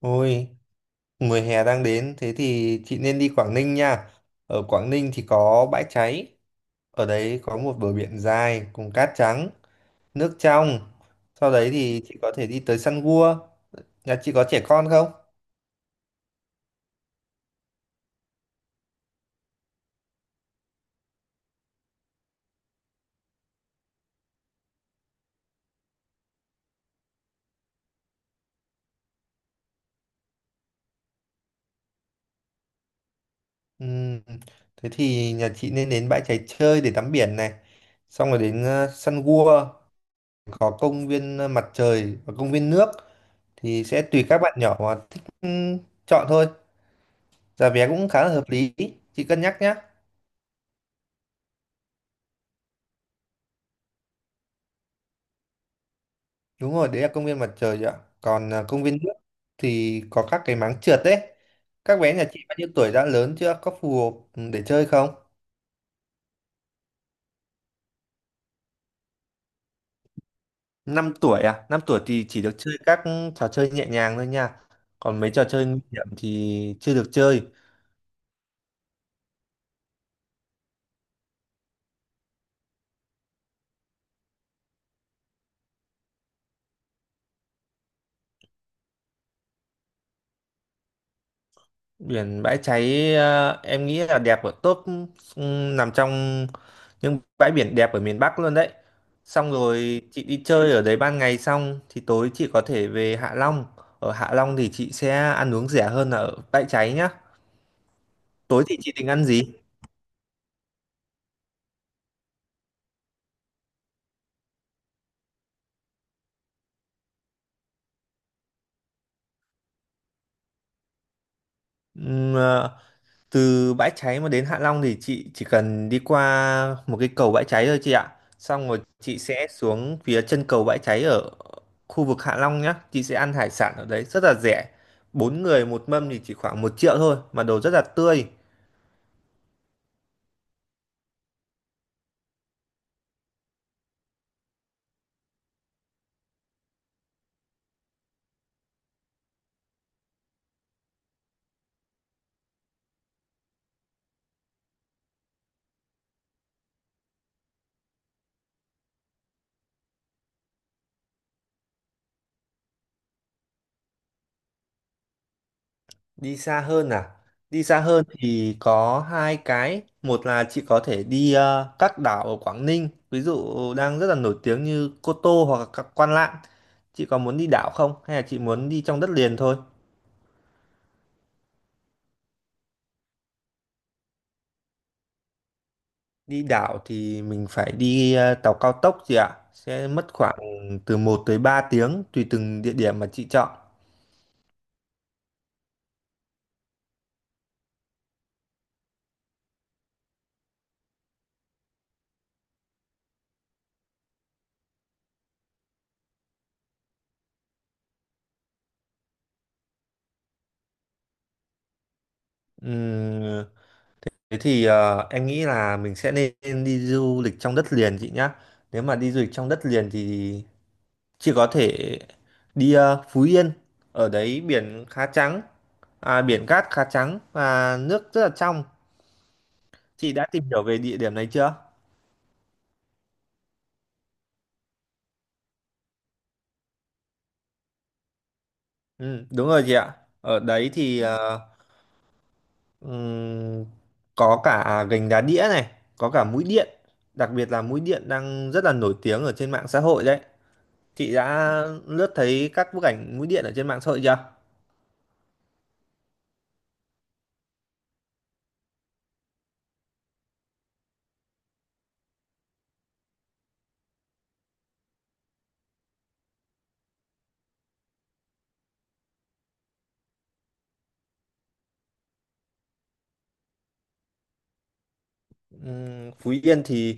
Ôi, mùa hè đang đến, thế thì chị nên đi Quảng Ninh nha. Ở Quảng Ninh thì có bãi cháy, ở đấy có một bờ biển dài cùng cát trắng, nước trong. Sau đấy thì chị có thể đi tới săn gua. Nhà chị có trẻ con không? Ừm, thế thì nhà chị nên đến bãi cháy chơi để tắm biển này. Xong rồi đến săn gua, có công viên mặt trời và công viên nước. Thì sẽ tùy các bạn nhỏ mà thích chọn thôi. Giá vé cũng khá là hợp lý, chị cân nhắc nhé. Đúng rồi, đấy là công viên mặt trời ạ. Còn công viên nước thì có các cái máng trượt đấy. Các bé nhà chị bao nhiêu tuổi đã lớn chưa? Có phù hợp để chơi không? Năm tuổi à? Năm tuổi thì chỉ được chơi các trò chơi nhẹ nhàng thôi nha. Còn mấy trò chơi nguy hiểm thì chưa được chơi. Biển Bãi Cháy em nghĩ là đẹp ở top nằm trong những bãi biển đẹp ở miền Bắc luôn đấy. Xong rồi chị đi chơi ở đấy ban ngày xong thì tối chị có thể về Hạ Long. Ở Hạ Long thì chị sẽ ăn uống rẻ hơn là ở Bãi Cháy nhá. Tối thì chị định ăn gì? Ừm, à, từ Bãi Cháy mà đến Hạ Long thì chị chỉ cần đi qua một cái cầu Bãi Cháy thôi chị ạ. Xong rồi chị sẽ xuống phía chân cầu Bãi Cháy ở khu vực Hạ Long nhá. Chị sẽ ăn hải sản ở đấy rất là rẻ. Bốn người một mâm thì chỉ khoảng một triệu thôi mà đồ rất là tươi. Đi xa hơn à? Đi xa hơn thì có hai cái. Một là chị có thể đi các đảo ở Quảng Ninh, ví dụ đang rất là nổi tiếng như Cô Tô hoặc là các Quan Lạn. Chị có muốn đi đảo không? Hay là chị muốn đi trong đất liền thôi? Đi đảo thì mình phải đi tàu cao tốc chị ạ. Sẽ mất khoảng từ một tới 3 tiếng tùy từng địa điểm mà chị chọn. Ừm, thế thì em nghĩ là mình sẽ nên đi du lịch trong đất liền chị nhá. Nếu mà đi du lịch trong đất liền thì chị có thể đi Phú Yên, ở đấy biển khá trắng, biển cát khá trắng và nước rất là trong. Chị đã tìm hiểu về địa điểm này chưa? Ừ, đúng rồi chị ạ, ở đấy thì ừm, có cả gành đá đĩa này, có cả mũi điện, đặc biệt là mũi điện đang rất là nổi tiếng ở trên mạng xã hội đấy. Chị đã lướt thấy các bức ảnh mũi điện ở trên mạng xã hội chưa? Phú Yên thì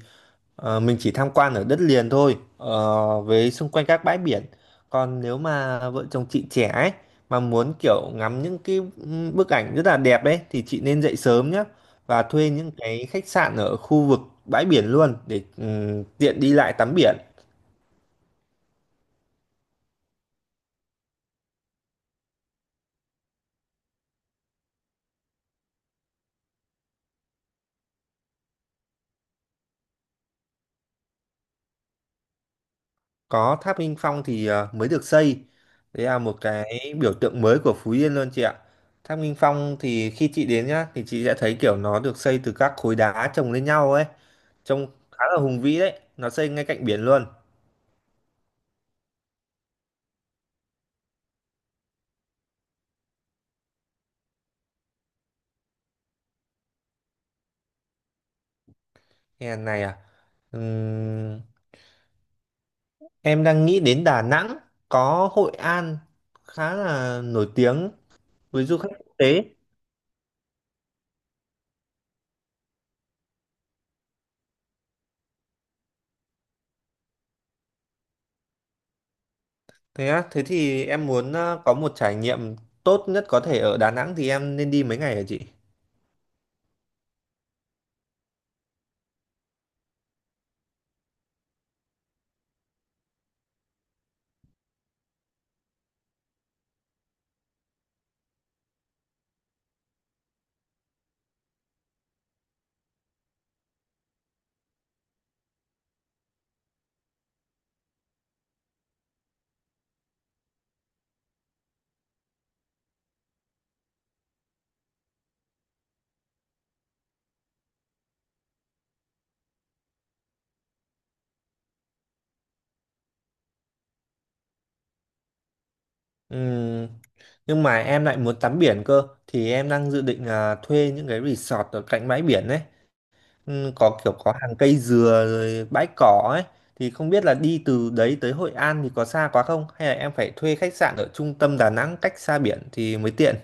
ờ, mình chỉ tham quan ở đất liền thôi, với xung quanh các bãi biển, còn nếu mà vợ chồng chị trẻ ấy mà muốn kiểu ngắm những cái bức ảnh rất là đẹp đấy thì chị nên dậy sớm nhé, và thuê những cái khách sạn ở khu vực bãi biển luôn để tiện đi lại tắm biển. Có tháp Nghinh Phong thì mới được xây, đấy là một cái biểu tượng mới của Phú Yên luôn chị ạ. Tháp Nghinh Phong thì khi chị đến nhá thì chị sẽ thấy kiểu nó được xây từ các khối đá chồng lên nhau ấy, trông khá là hùng vĩ đấy, nó xây ngay cạnh biển luôn. Nghe này à, Ừm, em đang nghĩ đến Đà Nẵng, có Hội An khá là nổi tiếng với du khách quốc tế. Thế á, thế thì em muốn có một trải nghiệm tốt nhất có thể ở Đà Nẵng thì em nên đi mấy ngày hả chị? Ừm, nhưng mà em lại muốn tắm biển cơ thì em đang dự định là thuê những cái resort ở cạnh bãi biển đấy. Ừ, có kiểu có hàng cây dừa rồi bãi cỏ ấy, thì không biết là đi từ đấy tới Hội An thì có xa quá không, hay là em phải thuê khách sạn ở trung tâm Đà Nẵng cách xa biển thì mới tiện.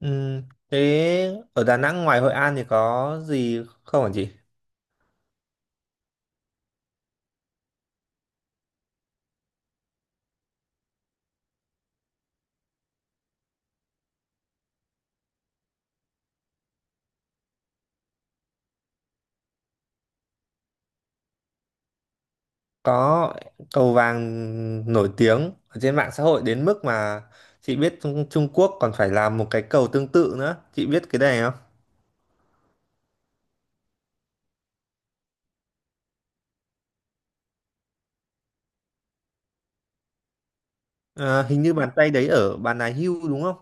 Ừ, thế ở Đà Nẵng ngoài Hội An thì có gì không hả chị? Có. Cầu vàng nổi tiếng ở trên mạng xã hội đến mức mà chị biết Trung Quốc còn phải làm một cái cầu tương tự nữa, chị biết cái này không? À, hình như bàn tay đấy ở Bà Nà Hưu đúng không?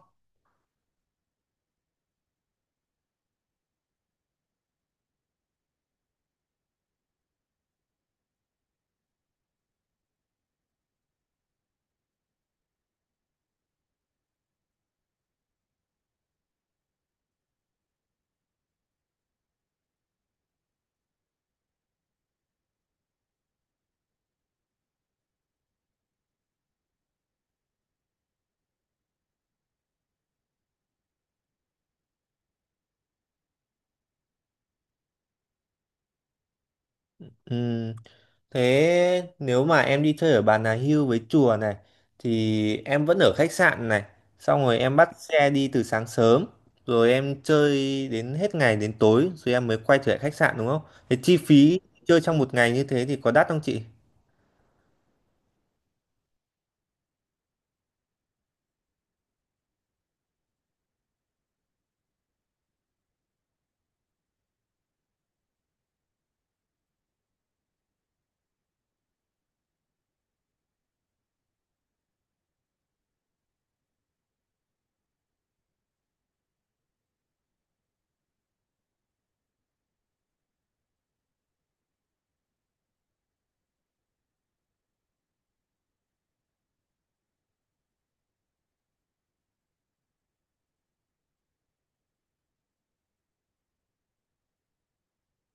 Ừ. Thế nếu mà em đi chơi ở Bà Nà Hills với chùa này thì em vẫn ở khách sạn này, xong rồi em bắt xe đi từ sáng sớm, rồi em chơi đến hết ngày đến tối rồi em mới quay trở lại khách sạn đúng không? Thế chi phí chơi trong một ngày như thế thì có đắt không chị?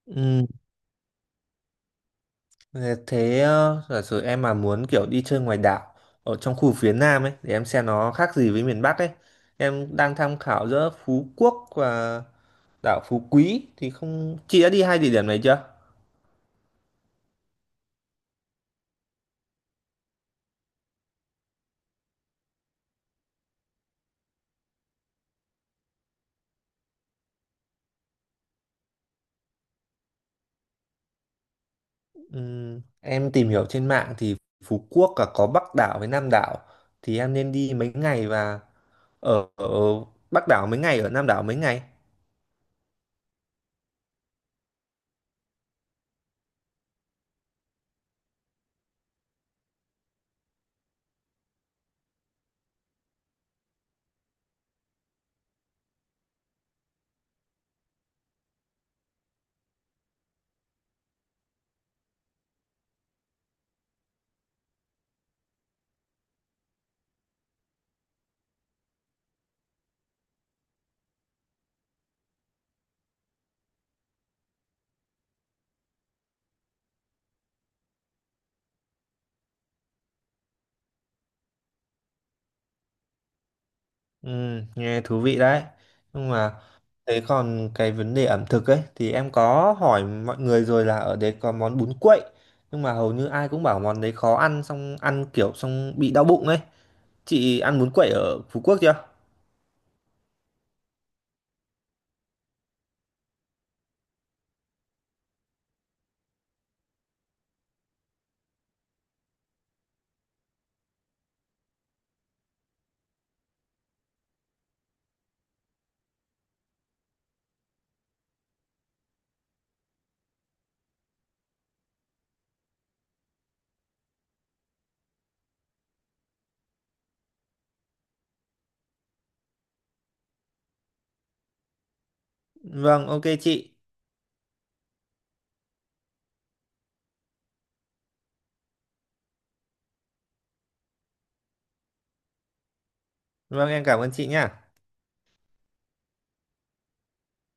Ừ. Thế thế, giả sử em mà muốn kiểu đi chơi ngoài đảo ở trong khu phía Nam ấy để em xem nó khác gì với miền Bắc ấy. Em đang tham khảo giữa Phú Quốc và đảo Phú Quý, thì không chị đã đi hai địa điểm này chưa? Em tìm hiểu trên mạng thì Phú Quốc cả có Bắc đảo với Nam đảo, thì em nên đi mấy ngày và ở Bắc đảo mấy ngày, ở Nam đảo mấy ngày? Ừ, nghe thú vị đấy. Nhưng mà thế còn cái vấn đề ẩm thực ấy thì em có hỏi mọi người rồi là ở đấy có món bún quậy, nhưng mà hầu như ai cũng bảo món đấy khó ăn, xong ăn kiểu xong bị đau bụng ấy. Chị ăn bún quậy ở Phú Quốc chưa? Vâng, ok chị. Vâng, em cảm ơn chị nha.